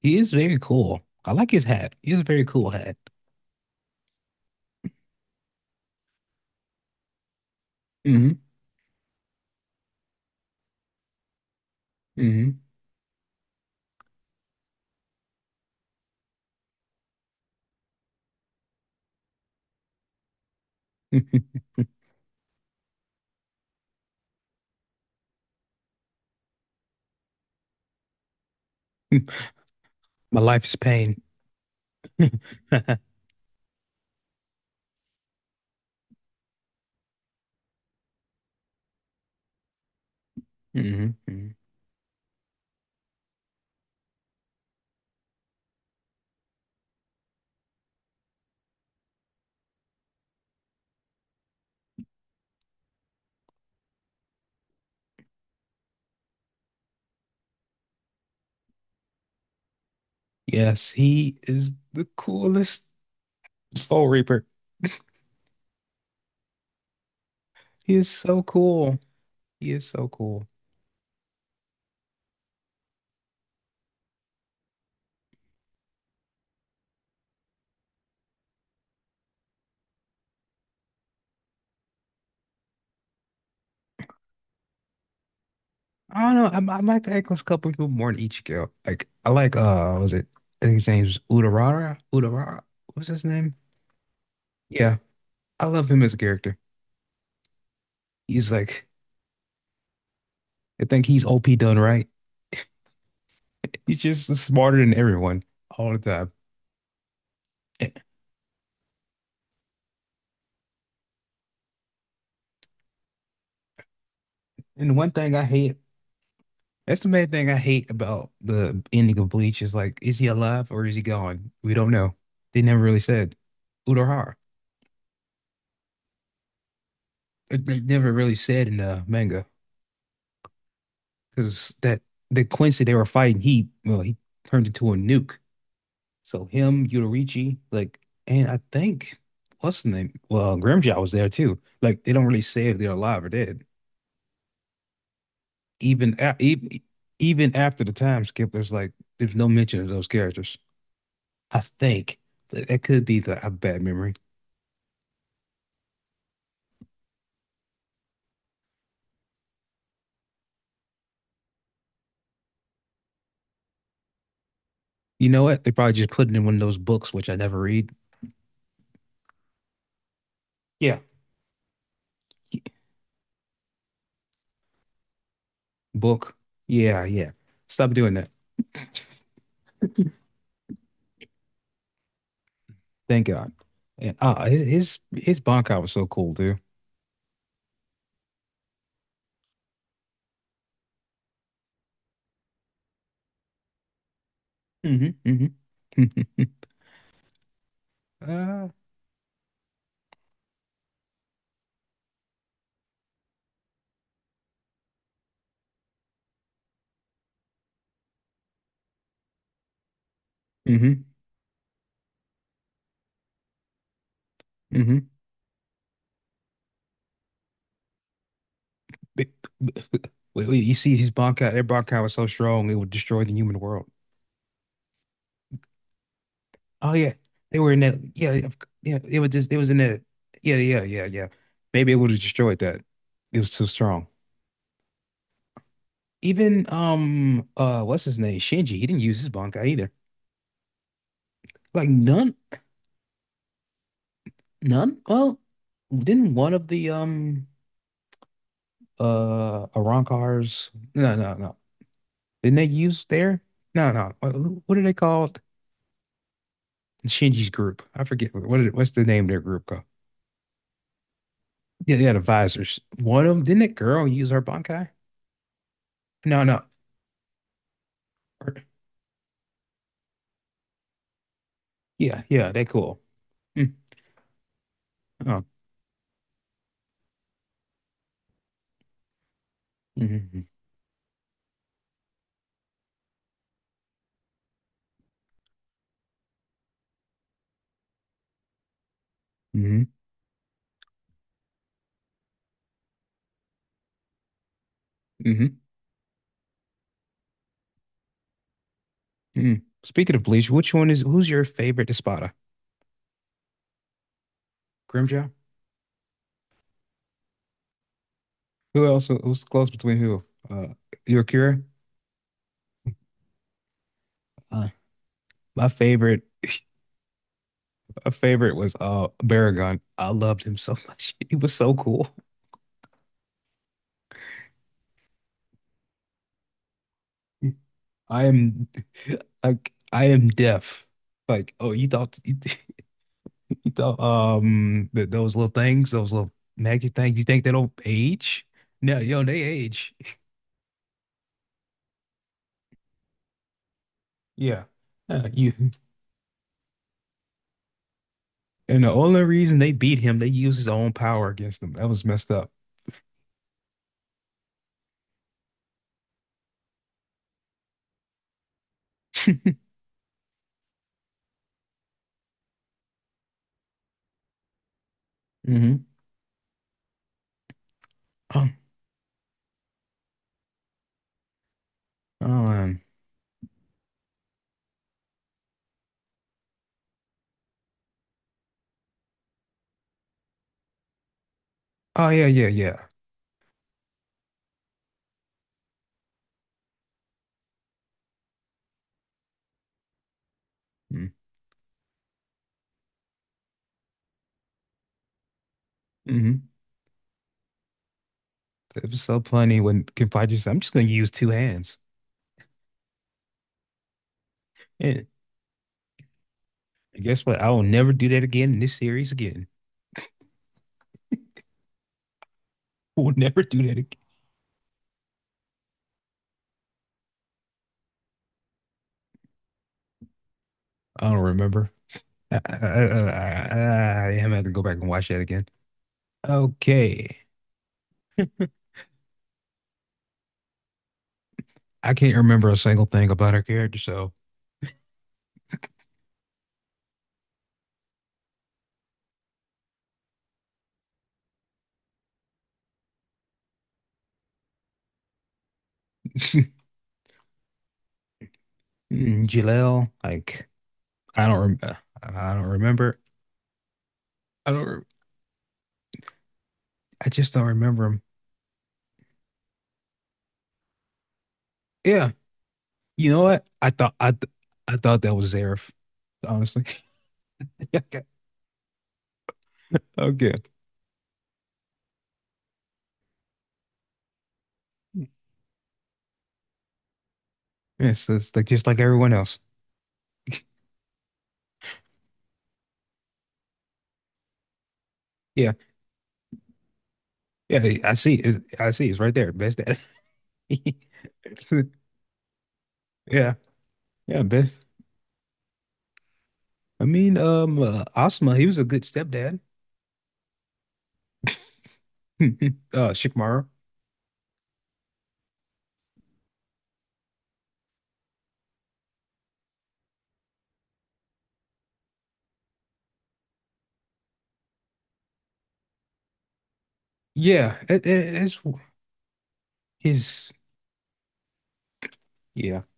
He is very cool. I like his hat. He has a very cool hat. hmm hmm My life is pain. hmm Yes, he is the coolest Soul Reaper. He is so cool. He is so cool. I don't know. I like the Echo's couple people more than Ichigo. Like I like what was it? I think his name's Urarara. Urarara. What's his name? Yeah. I love him as a character. He's like I think he's OP done right. He's just smarter than everyone all the time. And the one thing I hate, that's the main thing I hate about the ending of Bleach is like, is he alive or is he gone? We don't know. They never really said Urahara. They never really said in the manga because that the Quincy they were fighting, he turned into a nuke. So him, Yuraichi, like, and I think what's the name? Well, Grimjaw was there too. Like they don't really say if they're alive or dead. Even a- even even after the time skip, there's no mention of those characters. I think that it could be the a bad memory. You know what? They probably just put it in one of those books, which I never read. Yeah. Book. Yeah, yeah. Stop doing that. Thank God. And his Bankai was so cool, dude. Mm-hmm. Mm-hmm. uh, mm-hmm. Mm-hmm. But- Wait, wait, their Bankai was so strong it would destroy the human world. Oh yeah. They were in that yeah, of- yeah, it was in that yeah, yeah, yeah, yeah. Maybe it would have destroyed that. It was too strong. Even what's his name? Shinji, he didn't use his Bankai either. Like none none? Well, didn't one of the Arankars Didn't they use their no no what, what are they called? Shinji's group. I forget what's the name of their group called? Yeah, they had advisors. One of them, didn't that girl use her Bankai? No, no. Or- Yeah, yeah, they cool. Mm, oh. Mm-hmm. Mm-hmm. Mm-hmm. Mm. Speaking of Bleach, which one is who's your favorite Espada? Grimjaw? Who else was close between who? Uh, Yukira? Uh, my favorite, my favorite was Baragon. I loved him so much. He was so cool. I am like I am deaf. Like, oh, you thought that those little things, those little magic things, you think they don't age? No, yo, they age. Yeah. You and the only reason they beat him, they used his own power against them. That was messed up. Mm-hmm. Oh, oh, um, oh yeah, yeah, yeah. Hmm. It was so funny when Kim Possible said, I'm just gonna use two hands. And guess what? I will never do that again in this series again. We'll never do that again. I don't remember. I am gonna have to go back and watch that again. Okay. I can't remember a single thing about her character, so Mm, Jalel, like I don't remember. I don't remember. I don't. rem- I just don't remember him. Yeah, you know what? I thought that was Zaref, honestly. I Okay. Yes, it's like just like everyone else. Yeah. I see. It's right there. Best dad. Yeah. Yeah, best. I mean, Asma, he was a good stepdad. Shikamaru. Yeah, it's his. Yeah.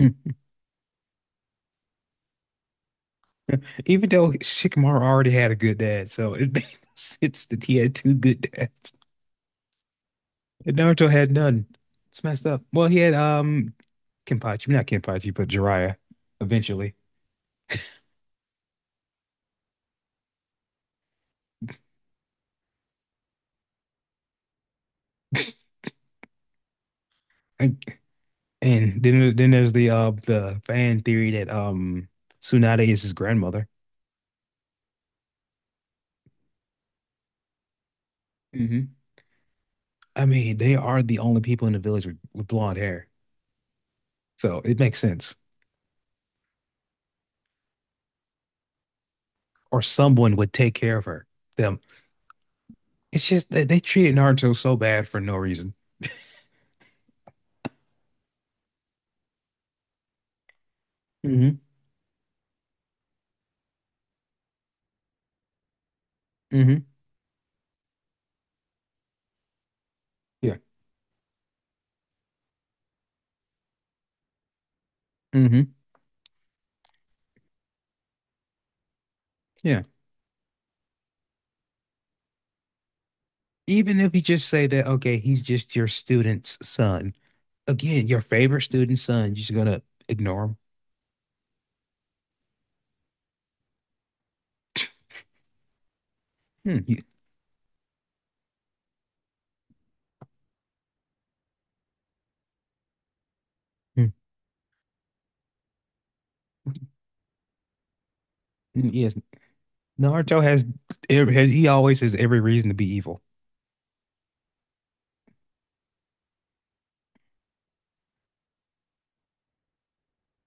Hmm. Even though Shikamaru already had a good dad, so it makes sense that he had two good dads. And Naruto had none. It's messed up. Well, he had Kenpachi, not Kenpachi, but Jiraiya eventually. And then there's the fan theory that Tsunade is his grandmother. Hmm. I mean, they are the only people in the village with blonde hair. So it makes sense. Or someone would take care of her. Them. It's just they treated Naruto so bad for no reason. hmm hmm Yeah. hmm Yeah. Even if you just say that, okay, he's just your student's son. Again, your favorite student's son, you're just gonna ignore him. Hmm. You, hmm. Hmm. Yes. Naruto has he always has every reason to be evil.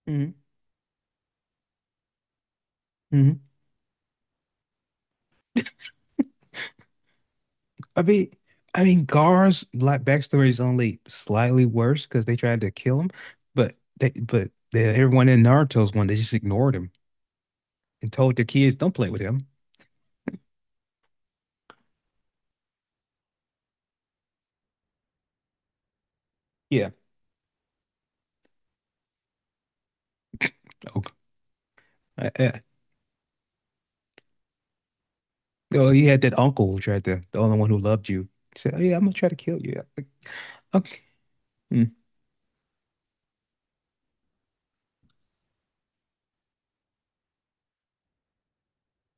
Mm-hmm. Mm-hmm. I mean, I mean, Gar's like backstory is only slightly worse because they tried to kill him, but everyone in Naruto's one they just ignored him and told their kids don't play with him. Yeah. Oh, I, I- oh, he had that uncle who tried to the only one who loved you. He said, oh, yeah, I'm gonna try to kill you. Like, okay. Mm,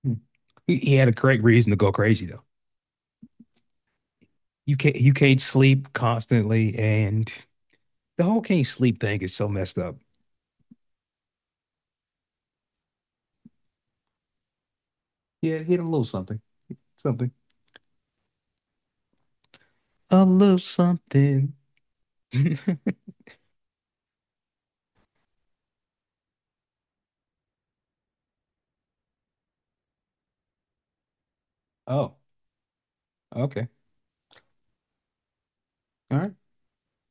mm. He had a great reason to go crazy though. You can't sleep constantly, and the whole can't sleep thing is so messed up. Yeah, hit a little something. Something. A little something. Oh, okay. All right.